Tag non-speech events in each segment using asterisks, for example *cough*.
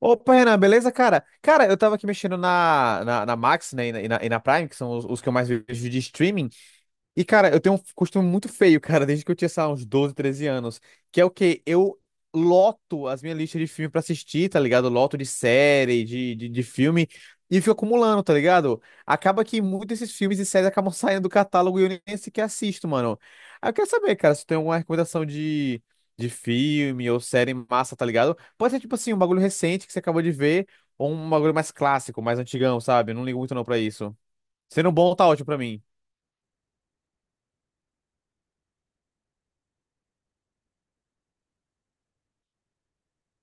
Opa, Renan, beleza, cara? Cara, eu tava aqui mexendo na Max, né, e na Prime, que são os que eu mais vejo de streaming, e, cara, eu tenho um costume muito feio, cara, desde que eu tinha, sei lá, uns 12, 13 anos. Que é o quê? Eu loto as minhas listas de filme pra assistir, tá ligado? Loto de série, de filme, e fico acumulando, tá ligado? Acaba que muitos desses filmes e séries acabam *laughs* saindo do catálogo e eu nem sequer assisto, mano. Aí eu quero saber, cara, se tu tem alguma recomendação de filme ou série massa, tá ligado? Pode ser, tipo assim, um bagulho recente que você acabou de ver, ou um bagulho mais clássico, mais antigão, sabe? Eu não ligo muito não pra isso. Sendo bom, tá ótimo pra mim.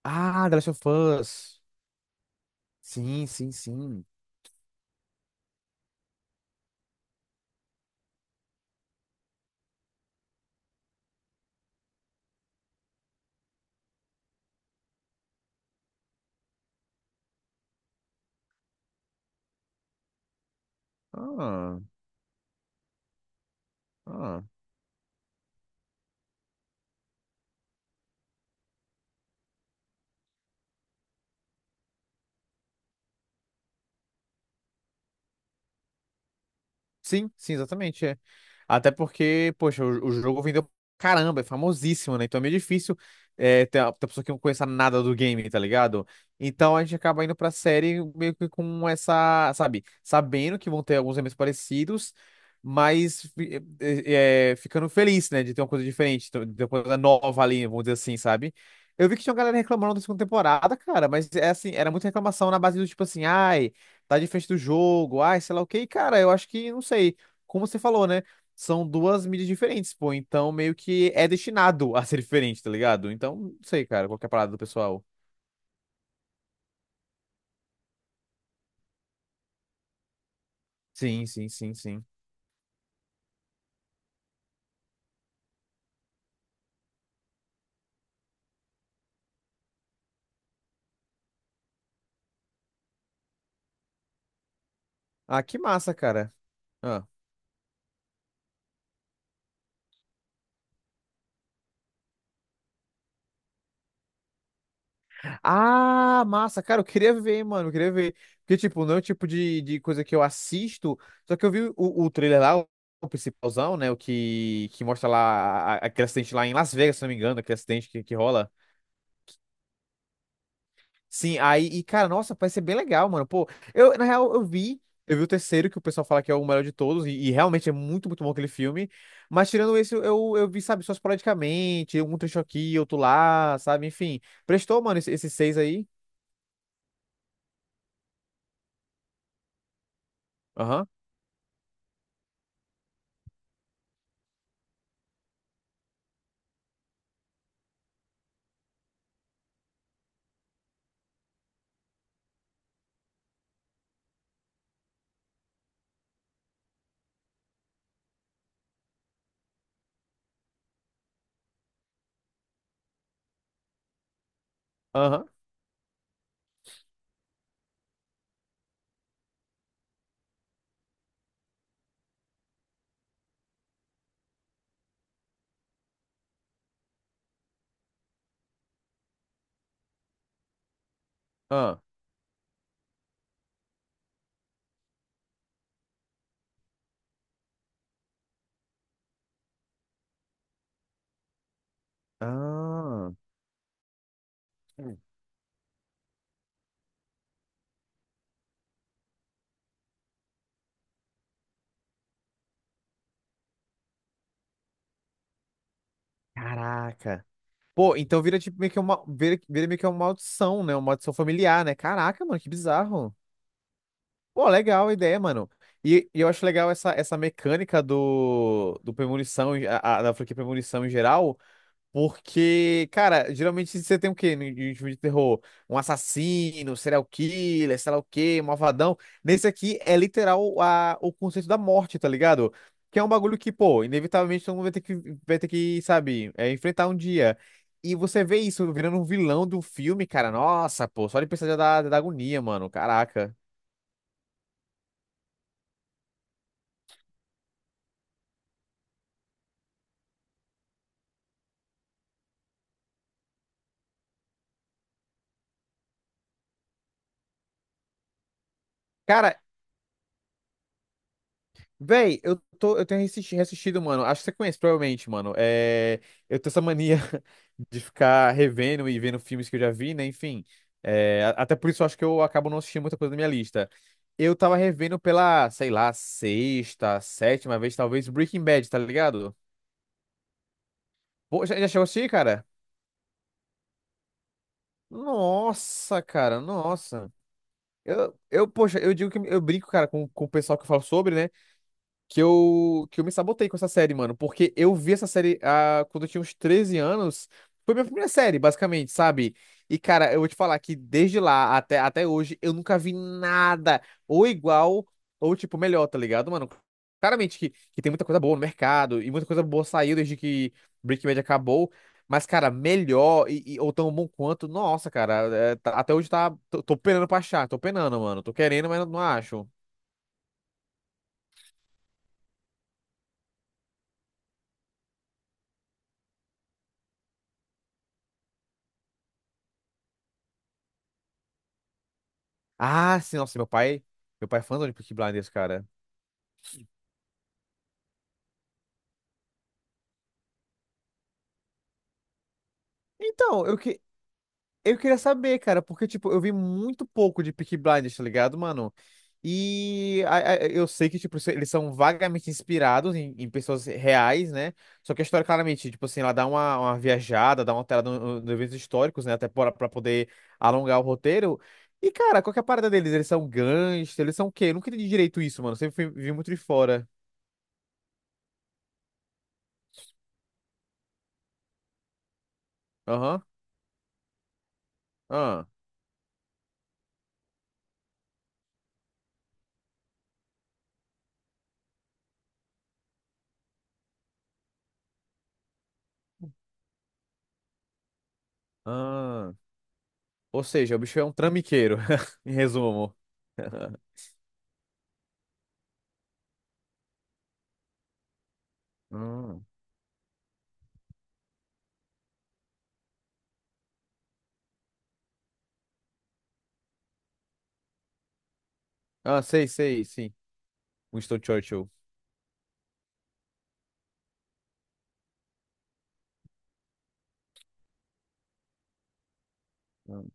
Ah, The Last of Us. Sim, sim, sim. Ah, ah. Sim, sim, exatamente. É. Até porque, poxa, o jogo vendeu pra caramba, é famosíssimo, né? Então é meio difícil ter a pessoa que não conheça nada do game, tá ligado? Então a gente acaba indo pra série meio que com essa, sabe, sabendo que vão ter alguns elementos parecidos, mas ficando feliz, né? De ter uma coisa diferente, de ter uma coisa nova ali, vamos dizer assim, sabe? Eu vi que tinha uma galera reclamando da segunda temporada, cara, mas é assim, era muita reclamação na base do tipo assim, ai tá de frente do jogo, ai, sei lá o quê. E, cara, eu acho que, não sei, como você falou, né? São duas mídias diferentes, pô. Então, meio que é destinado *laughs* a ser diferente, tá ligado? Então, não sei, cara, qual que é a parada do pessoal. Sim, sim, sim, sim. Ah, que massa, cara. Ah. Ah, massa, cara, eu queria ver, mano, eu queria ver. Porque, tipo, não é o tipo de coisa que eu assisto, só que eu vi o trailer lá, o principalzão, né, que mostra lá aquele acidente lá em Las Vegas, se não me engano, aquele acidente que rola. Sim, aí, e cara, nossa, parece ser bem legal, mano. Pô, eu, na real, eu vi o terceiro, que o pessoal fala que é o melhor de todos, e realmente é muito, muito bom aquele filme. Mas tirando esse, eu vi, sabe, só esporadicamente, um trecho aqui, outro lá, sabe, enfim. Prestou, mano, esses seis aí? Aham, aham, aham. Ah, caraca. Pô, então vira tipo meio que uma, vira meio que uma maldição, né? Uma maldição familiar, né? Caraca, mano, que bizarro. Pô, legal a ideia, mano. E eu acho legal essa mecânica do Premonição, da franquia Premonição em geral, porque, cara, geralmente você tem o quê em filme de terror? Um assassino, serial killer, sei lá o quê, um malvadão. Nesse aqui é literal o conceito da morte, tá ligado? Que é um bagulho que, pô, inevitavelmente todo mundo vai ter que, sabe, enfrentar um dia. E você vê isso virando um vilão do filme, cara. Nossa, pô, só de pensar já dá, dá agonia, mano. Caraca. Cara, Véi, eu tenho assistido, reassistido, mano. Acho que você conhece, provavelmente, mano. Eu tenho essa mania *laughs* de ficar revendo e vendo filmes que eu já vi, né? Enfim. Até por isso eu acho que eu acabo não assistindo muita coisa da minha lista. Eu tava revendo pela, sei lá, sexta, sétima vez, talvez, Breaking Bad, tá ligado? Pô, já, já chegou a assistir, cara? Nossa, cara, nossa. Poxa, eu digo que eu brinco, cara, com o pessoal que eu falo sobre, né? Que eu me sabotei com essa série, mano. Porque eu vi essa série quando eu tinha uns 13 anos. Foi minha primeira série, basicamente, sabe? E, cara, eu vou te falar que desde lá até hoje eu nunca vi nada ou igual ou, tipo, melhor, tá ligado, mano? Claramente que tem muita coisa boa no mercado e muita coisa boa saiu desde que Breaking Bad acabou. Mas, cara, melhor ou tão bom quanto, nossa, cara, até hoje tá. Tô penando pra achar, tô penando, mano. Tô querendo, mas não acho. Ah, sim, nossa, meu pai. Meu pai é fãzão de Peaky Blinders, cara. Então, eu, que, eu queria saber, cara, porque, tipo, eu vi muito pouco de Peaky Blinders, tá ligado, mano? Eu sei que, tipo, eles são vagamente inspirados em pessoas reais, né? Só que a história, claramente, tipo assim, ela dá uma viajada, dá uma alterada nos eventos históricos, né? Até pra poder alongar o roteiro. E, cara, qual que é a parada deles? Eles são gangsters, eles são o quê? Eu nunca entendi direito isso, mano. Vi muito de fora. Aham. Ah. Ah. Ou seja, o bicho é um trambiqueiro, *laughs* em resumo. *laughs* Hum, ah, sei, sei, sim. Winston Churchill. Hum.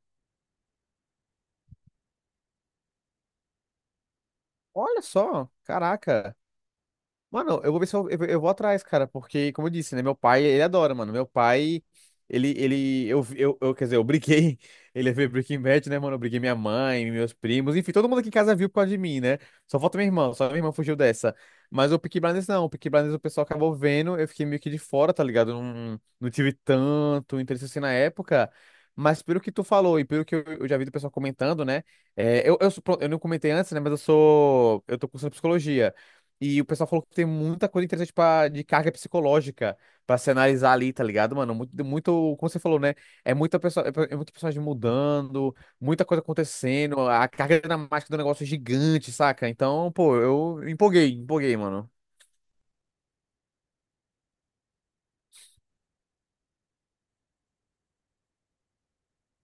Olha só, caraca. Mano, eu vou ver se eu vou atrás, cara, porque, como eu disse, né, meu pai, ele adora, mano. Meu pai, ele, eu, Quer dizer, eu briguei, *laughs* ele veio Breaking Bad, né, mano? Eu briguei minha mãe, meus primos, enfim, todo mundo aqui em casa viu por causa de mim, né? Só falta minha irmã, só minha irmã fugiu dessa. Mas o Peaky Blinders não, o Peaky Blinders o pessoal acabou vendo, eu fiquei meio que de fora, tá ligado? Não, não tive tanto interesse assim na época. Mas pelo que tu falou e pelo que eu já vi do pessoal comentando, né? Pronto, eu não comentei antes, né? Mas eu sou. Eu tô cursando psicologia. E o pessoal falou que tem muita coisa interessante pra, de carga psicológica pra se analisar ali, tá ligado, mano? Muito, muito, como você falou, né? É muita pessoa, é muito personagem mudando, muita coisa acontecendo, a carga dramática do negócio é gigante, saca? Então, pô, eu empolguei, empolguei, mano.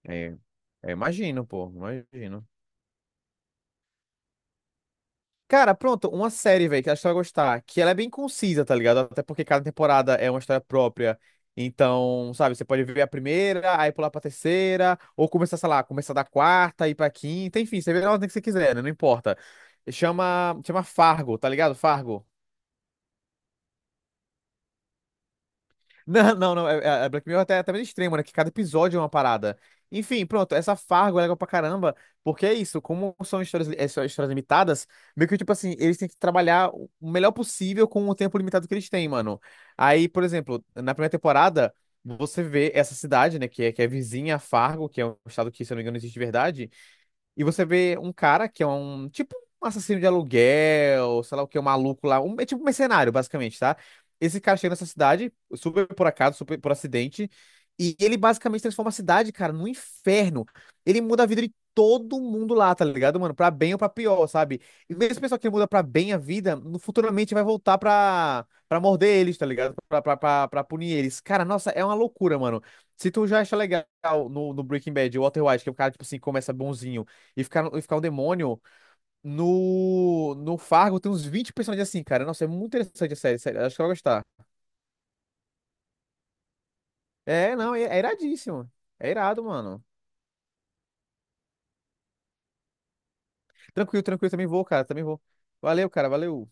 É, imagino, pô, imagino. Cara, pronto, uma série, velho, que acho que você vai gostar, que ela é bem concisa, tá ligado? Até porque cada temporada é uma história própria. Então, sabe, você pode ver a primeira, aí pular pra terceira, ou começar, sei lá, começar da quarta, ir pra quinta, enfim, você vê na ordem que você quiser, né? Não importa. Chama, chama Fargo, tá ligado? Fargo. Não, não, não. É Black Mirror até, até meio extremo, né? Que cada episódio é uma parada. Enfim, pronto. Essa Fargo é legal pra caramba, porque é isso. Como são histórias, são histórias limitadas, meio que, tipo assim, eles têm que trabalhar o melhor possível com o tempo limitado que eles têm, mano. Aí, por exemplo, na primeira temporada, você vê essa cidade, né? Que é vizinha a Fargo, que é um estado que, se eu não me engano, existe de verdade. E você vê um cara que é um tipo um assassino de aluguel, sei lá o que, um maluco lá, um, é tipo um mercenário, basicamente, tá? Esse cara chega nessa cidade, super por acaso, super por acidente, e ele basicamente transforma a cidade, cara, num inferno. Ele muda a vida de todo mundo lá, tá ligado, mano? Pra bem ou pra pior, sabe? E mesmo o pessoal que muda pra bem a vida, futuramente vai voltar pra morder eles, tá ligado? Pra punir eles. Cara, nossa, é uma loucura, mano. Se tu já acha legal no Breaking Bad, o Walter White, que é o cara, tipo assim, começa bonzinho e ficar um demônio. No Fargo tem uns 20 personagens assim, cara. Nossa, é muito interessante a série, sério. Acho que eu vou gostar. É, não, é, é iradíssimo. É irado, mano. Tranquilo, tranquilo, também vou, cara, também vou. Valeu, cara, valeu.